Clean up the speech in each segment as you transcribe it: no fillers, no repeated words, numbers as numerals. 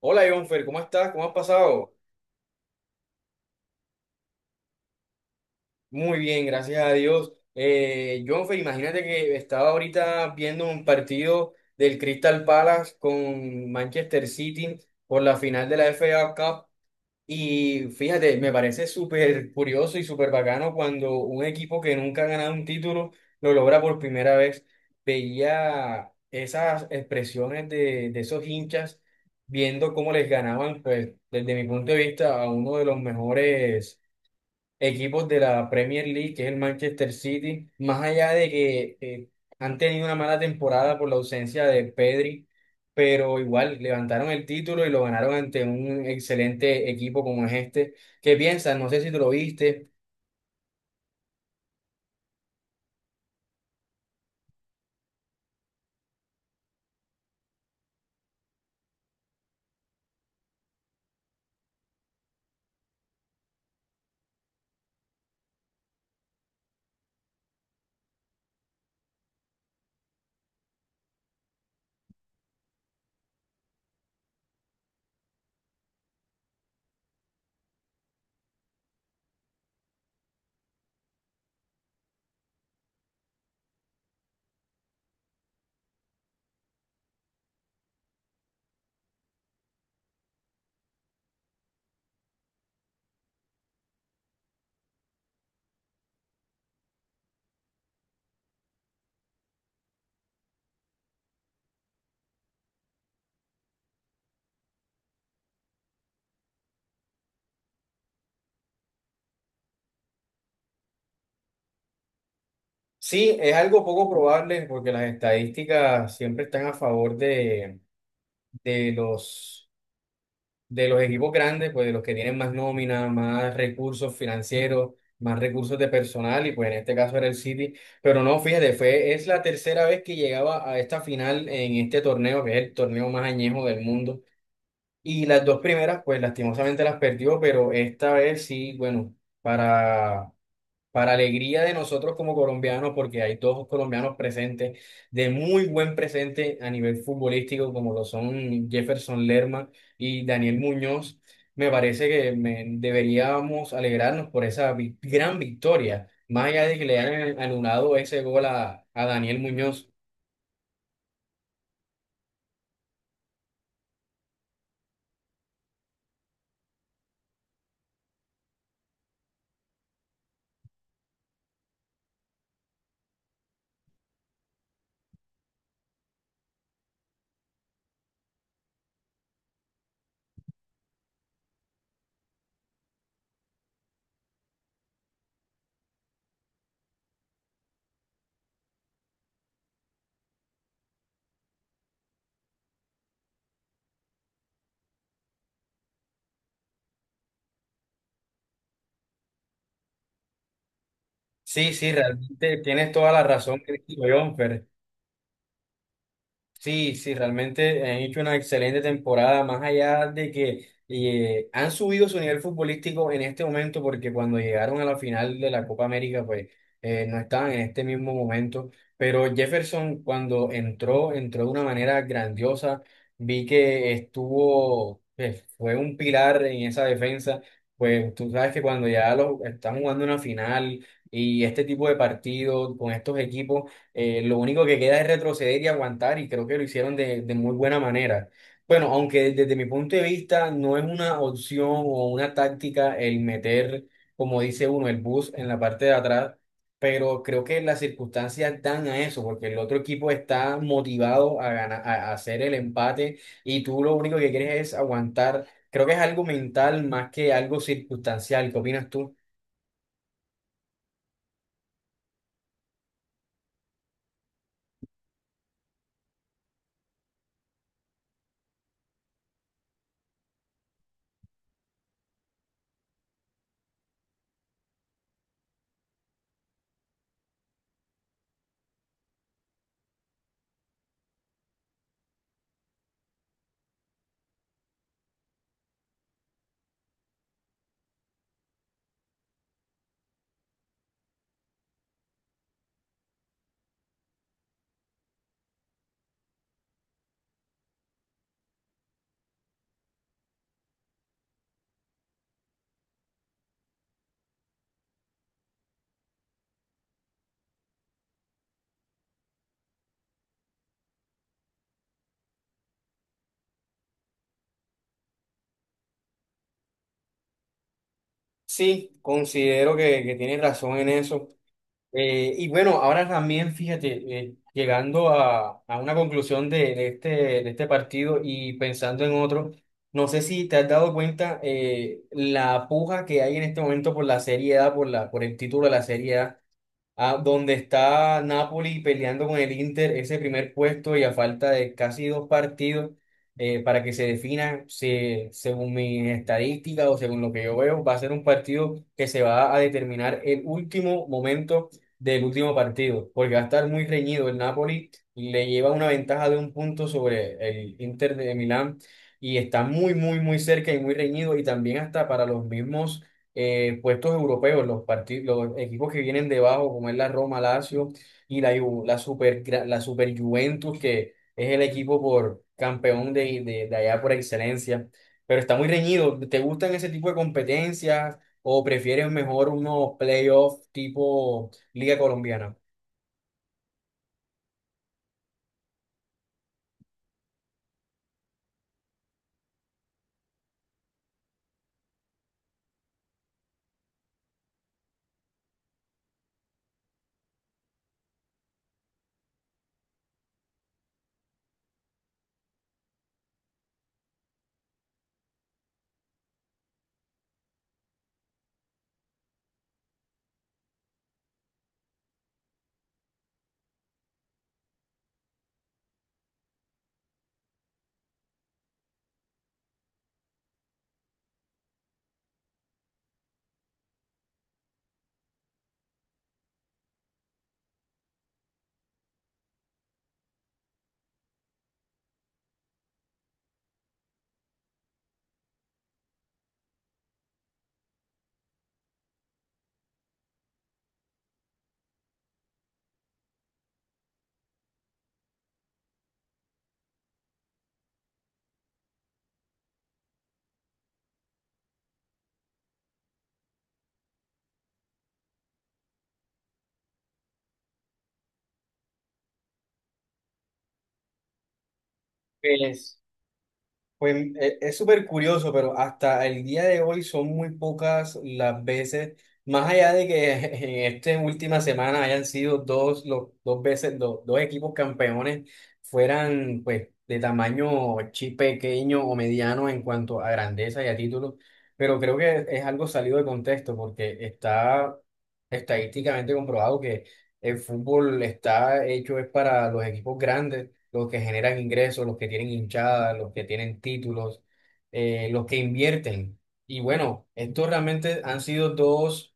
Hola, Jonfer, ¿cómo estás? ¿Cómo has pasado? Muy bien, gracias a Dios. Jonfer, imagínate que estaba ahorita viendo un partido del Crystal Palace con Manchester City por la final de la FA Cup y fíjate, me parece súper curioso y súper bacano cuando un equipo que nunca ha ganado un título lo logra por primera vez. Veía esas expresiones de esos hinchas viendo cómo les ganaban, pues desde mi punto de vista, a uno de los mejores equipos de la Premier League, que es el Manchester City, más allá de que han tenido una mala temporada por la ausencia de Pedri, pero igual levantaron el título y lo ganaron ante un excelente equipo como es este. ¿Qué piensas? No sé si tú lo viste. Sí, es algo poco probable porque las estadísticas siempre están a favor de los de los equipos grandes, pues de los que tienen más nómina, más recursos financieros, más recursos de personal, y pues en este caso era el City. Pero no, fíjate, fue, es la tercera vez que llegaba a esta final en este torneo, que es el torneo más añejo del mundo. Y las dos primeras, pues lastimosamente las perdió, pero esta vez sí, bueno, para para alegría de nosotros como colombianos, porque hay dos colombianos presentes, de muy buen presente a nivel futbolístico, como lo son Jefferson Lerma y Daniel Muñoz, me parece que deberíamos alegrarnos por esa gran victoria, más allá de que le hayan anulado ese gol a Daniel Muñoz. Sí, sí, realmente tienes toda la razón que dijo Jonfer. Sí, sí, realmente han hecho una excelente temporada, más allá de que han subido su nivel futbolístico en este momento, porque cuando llegaron a la final de la Copa América, pues no estaban en este mismo momento, pero Jefferson cuando entró, entró de una manera grandiosa, vi que estuvo, que fue un pilar en esa defensa, pues tú sabes que cuando ya los, están jugando una final y este tipo de partidos con estos equipos, lo único que queda es retroceder y aguantar, y creo que lo hicieron de muy buena manera. Bueno, aunque desde mi punto de vista no es una opción o una táctica el meter, como dice uno, el bus en la parte de atrás, pero creo que las circunstancias dan a eso, porque el otro equipo está motivado a ganar, a hacer el empate y tú lo único que quieres es aguantar. Creo que es algo mental más que algo circunstancial. ¿Qué opinas tú? Sí, considero que tienes razón en eso. Y bueno, ahora también, fíjate, llegando a una conclusión de este partido y pensando en otro, no sé si te has dado cuenta la puja que hay en este momento por la Serie A, por el título de la Serie A, a donde está Napoli peleando con el Inter ese primer puesto y a falta de casi dos partidos, para que se defina, según mis estadísticas o según lo que yo veo, va a ser un partido que se va a determinar el último momento del último partido, porque va a estar muy reñido el Napoli, le lleva una ventaja de un punto sobre el Inter de Milán, y está muy, muy, muy cerca y muy reñido, y también hasta para los mismos puestos europeos, los partidos, los equipos que vienen debajo, como es la Roma, Lazio y la, Ju- la super, gra- la super Juventus, que es el equipo por campeón de allá por excelencia. Pero está muy reñido. ¿Te gustan ese tipo de competencias o prefieres mejor unos playoffs tipo Liga Colombiana? Pues, Pues es súper curioso, pero hasta el día de hoy son muy pocas las veces, más allá de que en esta última semana hayan sido dos, dos veces, dos equipos campeones fueran pues de tamaño pequeño o mediano en cuanto a grandeza y a títulos, pero creo que es algo salido de contexto porque está estadísticamente comprobado que el fútbol está hecho es para los equipos grandes, los que generan ingresos, los que tienen hinchadas, los que tienen títulos, los que invierten. Y bueno, estos realmente han sido dos,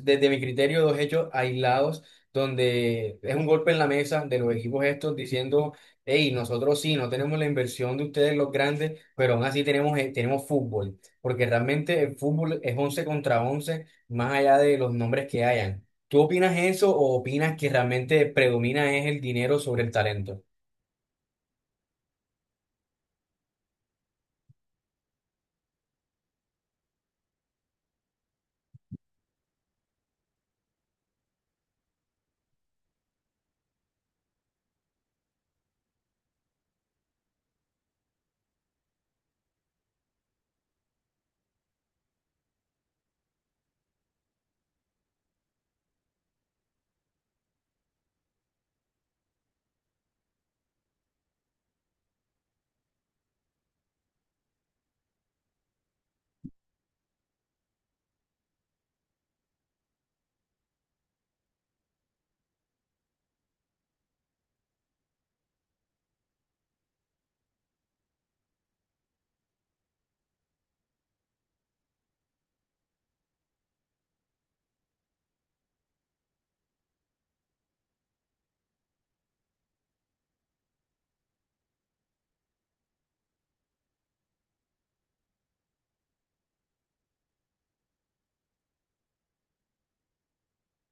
desde mi criterio, dos hechos aislados, donde es un golpe en la mesa de los equipos estos diciendo, hey, nosotros sí, no tenemos la inversión de ustedes los grandes, pero aún así tenemos fútbol, porque realmente el fútbol es 11 contra 11 más allá de los nombres que hayan. ¿Tú opinas eso o opinas que realmente predomina es el dinero sobre el talento?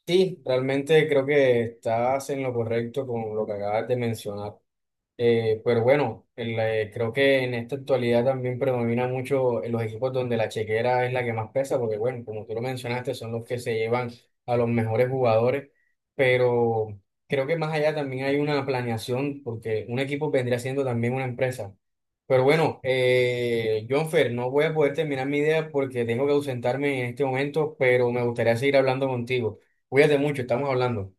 Sí, realmente creo que estás en lo correcto con lo que acabas de mencionar. Pero bueno, creo que en esta actualidad también predomina mucho en los equipos donde la chequera es la que más pesa, porque bueno, como tú lo mencionaste, son los que se llevan a los mejores jugadores, pero creo que más allá también hay una planeación, porque un equipo vendría siendo también una empresa. Pero bueno, Jonfer, no voy a poder terminar mi idea porque tengo que ausentarme en este momento, pero me gustaría seguir hablando contigo. Cuídate mucho, estamos hablando.